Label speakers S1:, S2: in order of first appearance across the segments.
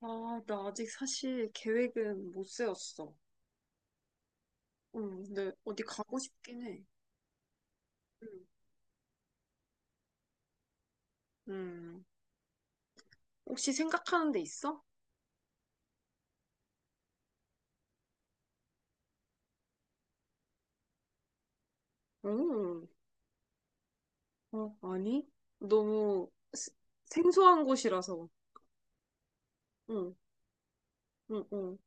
S1: 아, 나 아직 사실 계획은 못 세웠어. 응, 근데 어디 가고 싶긴 해. 응. 음, 혹시 생각하는 데 있어? 응, 어, 아니? 너무 생소한 곳이라서. 응, 응, 응.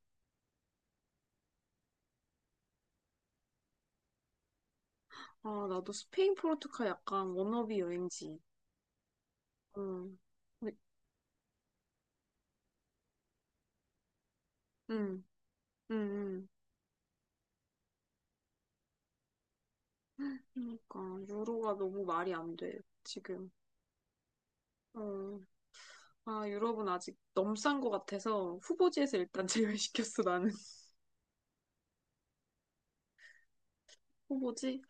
S1: 아, 나도 스페인 포르투갈 약간 워너비 여행지. 응, 근데- 응, 응, 응. 그러니까 유로가 너무 말이 안 돼, 지금. 어, 아, 유럽은 아직 넘싼 것 같아서 후보지에서 일단 제외시켰어, 나는. 후보지?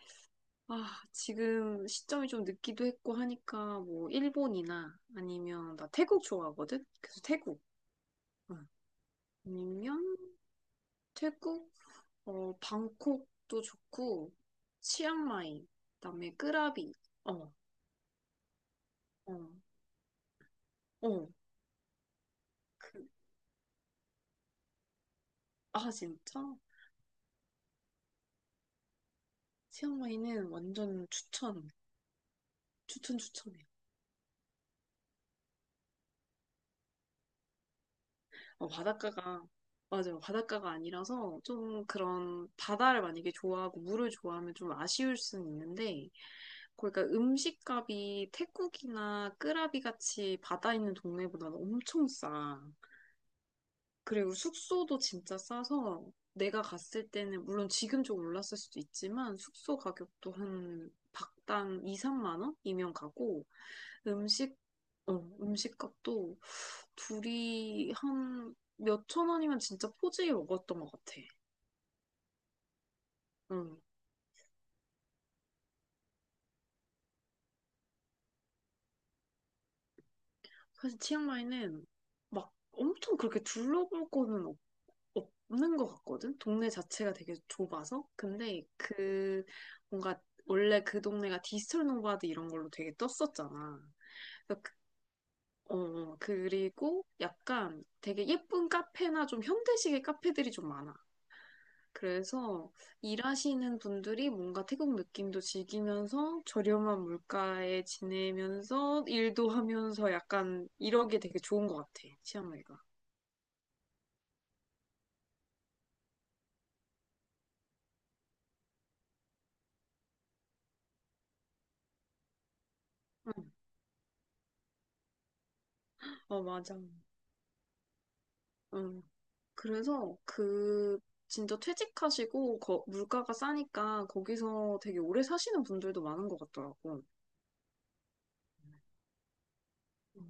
S1: 아, 지금 시점이 좀 늦기도 했고 하니까 뭐 일본이나 아니면 나 태국 좋아하거든. 그래서 태국. 응. 아니면 태국 어 방콕도 좋고 치앙마이 그다음에 끄라비. 어. 어. 어. 그, 아 진짜? 치앙마이는 완전 추천. 추천 추천해. 어, 바닷가가, 맞아요. 바닷가가 아니라서 좀 그런 바다를 만약에 좋아하고 물을 좋아하면 좀 아쉬울 수는 있는데, 그러니까 음식값이 태국이나 끄라비 같이 바다 있는 동네보다는 엄청 싸. 그리고 숙소도 진짜 싸서 내가 갔을 때는 물론 지금 좀 올랐을 수도 있지만 숙소 가격도 한 박당 2, 3만 원이면 가고 음식, 어, 음식값도 둘이 한 몇천 원이면 진짜 포지게 먹었던 것 같아. 응. 사실 치앙마이는 막 엄청 그렇게 둘러볼 거는 없는 것 같거든? 동네 자체가 되게 좁아서. 근데 그 뭔가 원래 그 동네가 디지털 노마드 이런 걸로 되게 떴었잖아. 그래서 어, 그리고 약간 되게 예쁜 카페나 좀 현대식의 카페들이 좀 많아. 그래서 일하시는 분들이 뭔가 태국 느낌도 즐기면서 저렴한 물가에 지내면서 일도 하면서 약간 이러게 되게 좋은 것 같아, 치앙마이가. 응. 어, 맞아. 응. 그래서 그 진짜 퇴직하시고 물가가 싸니까 거기서 되게 오래 사시는 분들도 많은 것 같더라고. 응. 응.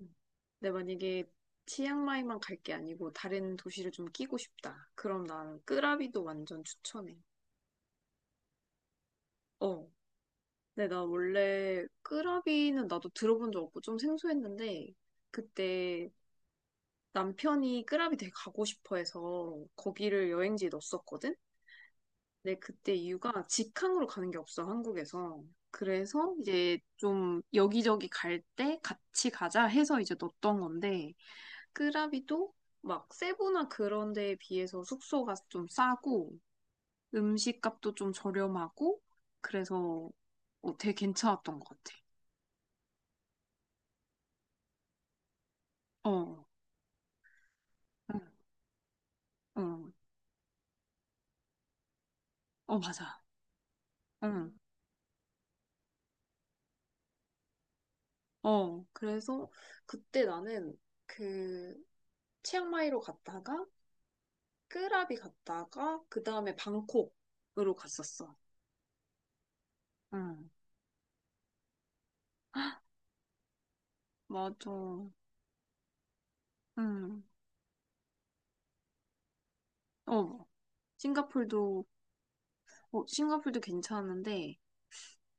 S1: 응. 근데 만약에 치앙마이만 갈 게 아니고 다른 도시를 좀 끼고 싶다. 그럼 난 끄라비도 완전 추천해. 어. 근데 나 원래 끄라비는 나도 들어본 적 없고 좀 생소했는데 그때 남편이 끄라비 되게 가고 싶어 해서 거기를 여행지에 넣었었거든? 근데 그때 이유가 직항으로 가는 게 없어, 한국에서. 그래서 이제 좀 여기저기 갈 때 같이 가자 해서 이제 넣었던 건데 끄라비도 막 세부나 그런 데에 비해서 숙소가 좀 싸고 음식값도 좀 저렴하고 그래서 어, 되게 괜찮았던 것 같아. 어, 응, 응, 어, 맞아. 응, 어, 그래서 그때 나는 그 치앙마이로 갔다가 끄라비 갔다가 그 다음에 방콕으로 갔었어. 응, 맞아. 응, 어, 싱가폴도, 어, 싱가폴도 괜찮은데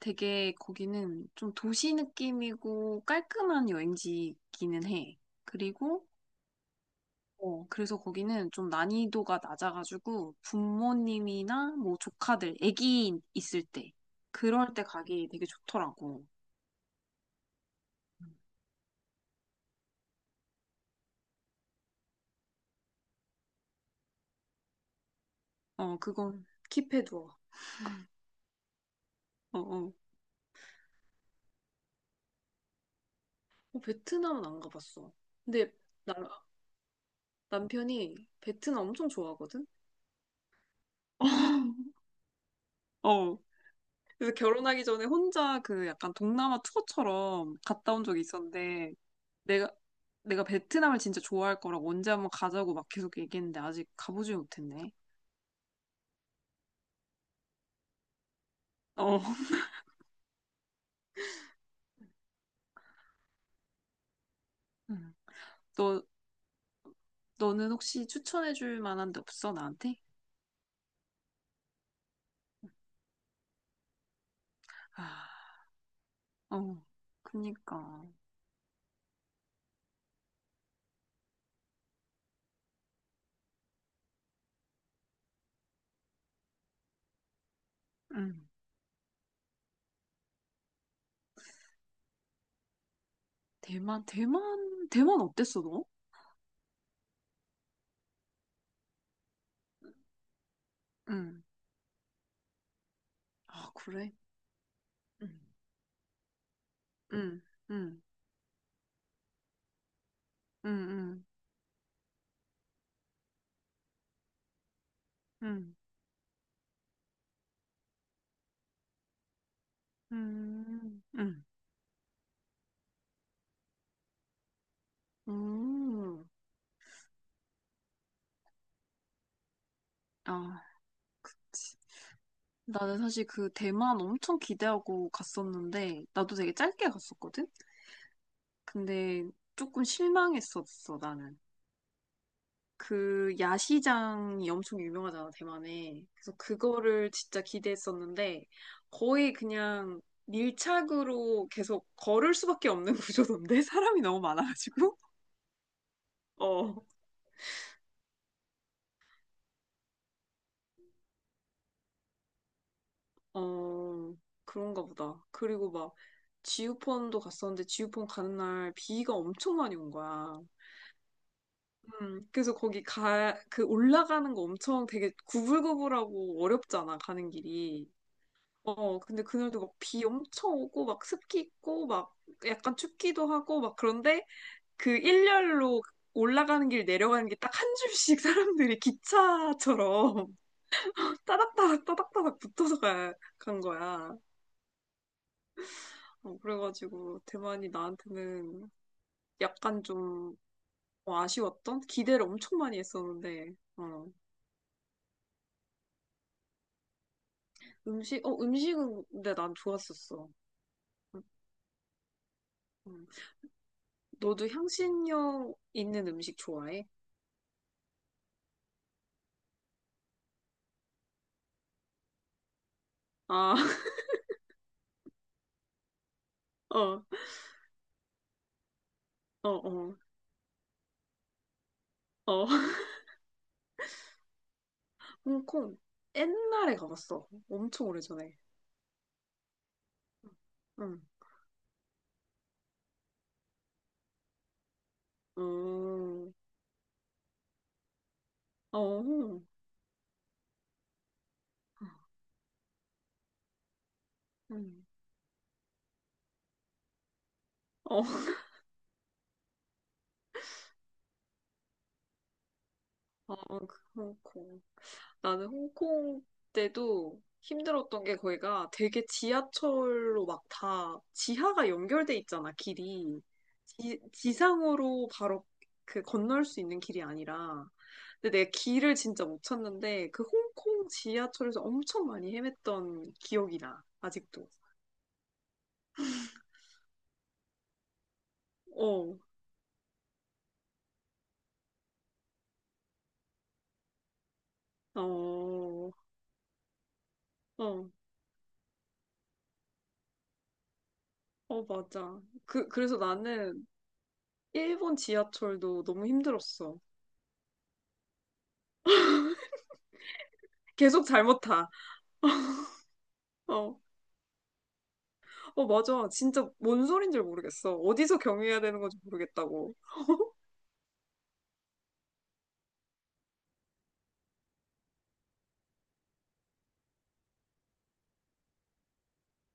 S1: 되게 거기는 좀 도시 느낌이고 깔끔한 여행지기는 해. 그리고 어, 그래서 거기는 좀 난이도가 낮아가지고 부모님이나 뭐 조카들, 애기 있을 때 그럴 때 가기 되게 좋더라고. 어, 그건 킵해두어. 어, 어. 어, 베트남은 안 가봤어. 근데 나, 남편이 베트남 엄청 좋아하거든? 어. 그래서 결혼하기 전에 혼자 그 약간 동남아 투어처럼 갔다 온 적이 있었는데 내가 내가 베트남을 진짜 좋아할 거라고 언제 한번 가자고 막 계속 얘기했는데 아직 가보지 못했네. 어. 너, 너는 혹시 추천해줄 만한 데 없어, 나한테? 아, 어, 그니까. 응. 대만, 대만, 대만 어땠어, 너? 응. 아, 그래? 응. 응, 응, 응, 응, 응, 응, 응. 음. 아, 그치. 나는 사실 그 대만 엄청 기대하고 갔었는데, 나도 되게 짧게 갔었거든? 근데 조금 실망했었어, 나는. 그 야시장이 엄청 유명하잖아, 대만에. 그래서 그거를 진짜 기대했었는데 거의 그냥 밀착으로 계속 걸을 수밖에 없는 구조던데 사람이 너무 많아가지고. 어, 어, 그런가 보다. 그리고 막 지우펀도 갔었는데 지우펀 가는 날 비가 엄청 많이 온 거야. 그래서 거기 가, 그 올라가는 거 엄청 되게 구불구불하고 어렵잖아, 가는 길이. 어, 근데 그날도 막 비 엄청 오고 막 습기 있고 막 약간 춥기도 하고 막 그런데 그 일렬로 올라가는 길 내려가는 길 딱 한 줄씩 사람들이 기차처럼 따닥따닥 따닥따닥 붙어서 가, 간 거야. 어, 그래가지고 대만이 나한테는 약간 좀 어, 아쉬웠던 기대를 엄청 많이 했었는데 어. 음식 어 음식은 근데 난 좋았었어. 음, 음. 너도 향신료 있는 음식 좋아해? 아, 어. 어, 어, 어. 홍콩. 옛날에 가봤어. 엄청 오래전에. 응. 어 어. 응 어. 어, 그 홍콩. 나는 홍콩 때도 힘들었던 게 거기가 되게 지하철로 막 다 지하가 연결돼 있잖아, 길이. 지상으로 바로 그 건널 수 있는 길이 아니라. 근데 내가 길을 진짜 못 찾는데 그 홍콩 지하철에서 엄청 많이 헤맸던 기억이 나, 아직도. 어, 어, 어, 어, 맞아. 그래서 나는 일본 지하철도 너무 힘들었어. 계속 잘못 타. 어. 어, 맞아. 진짜 뭔 소린 지 모르겠어. 어디서 경유해야 되는 건지 모르겠다고.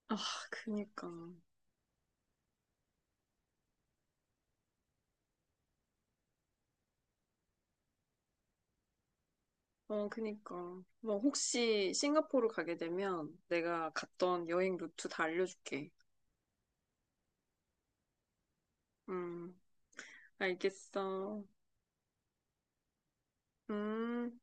S1: 아, 그니까. 어, 그니까. 뭐, 혹시 싱가포르 가게 되면 내가 갔던 여행 루트 다 알려줄게. 음, 알겠어. 음.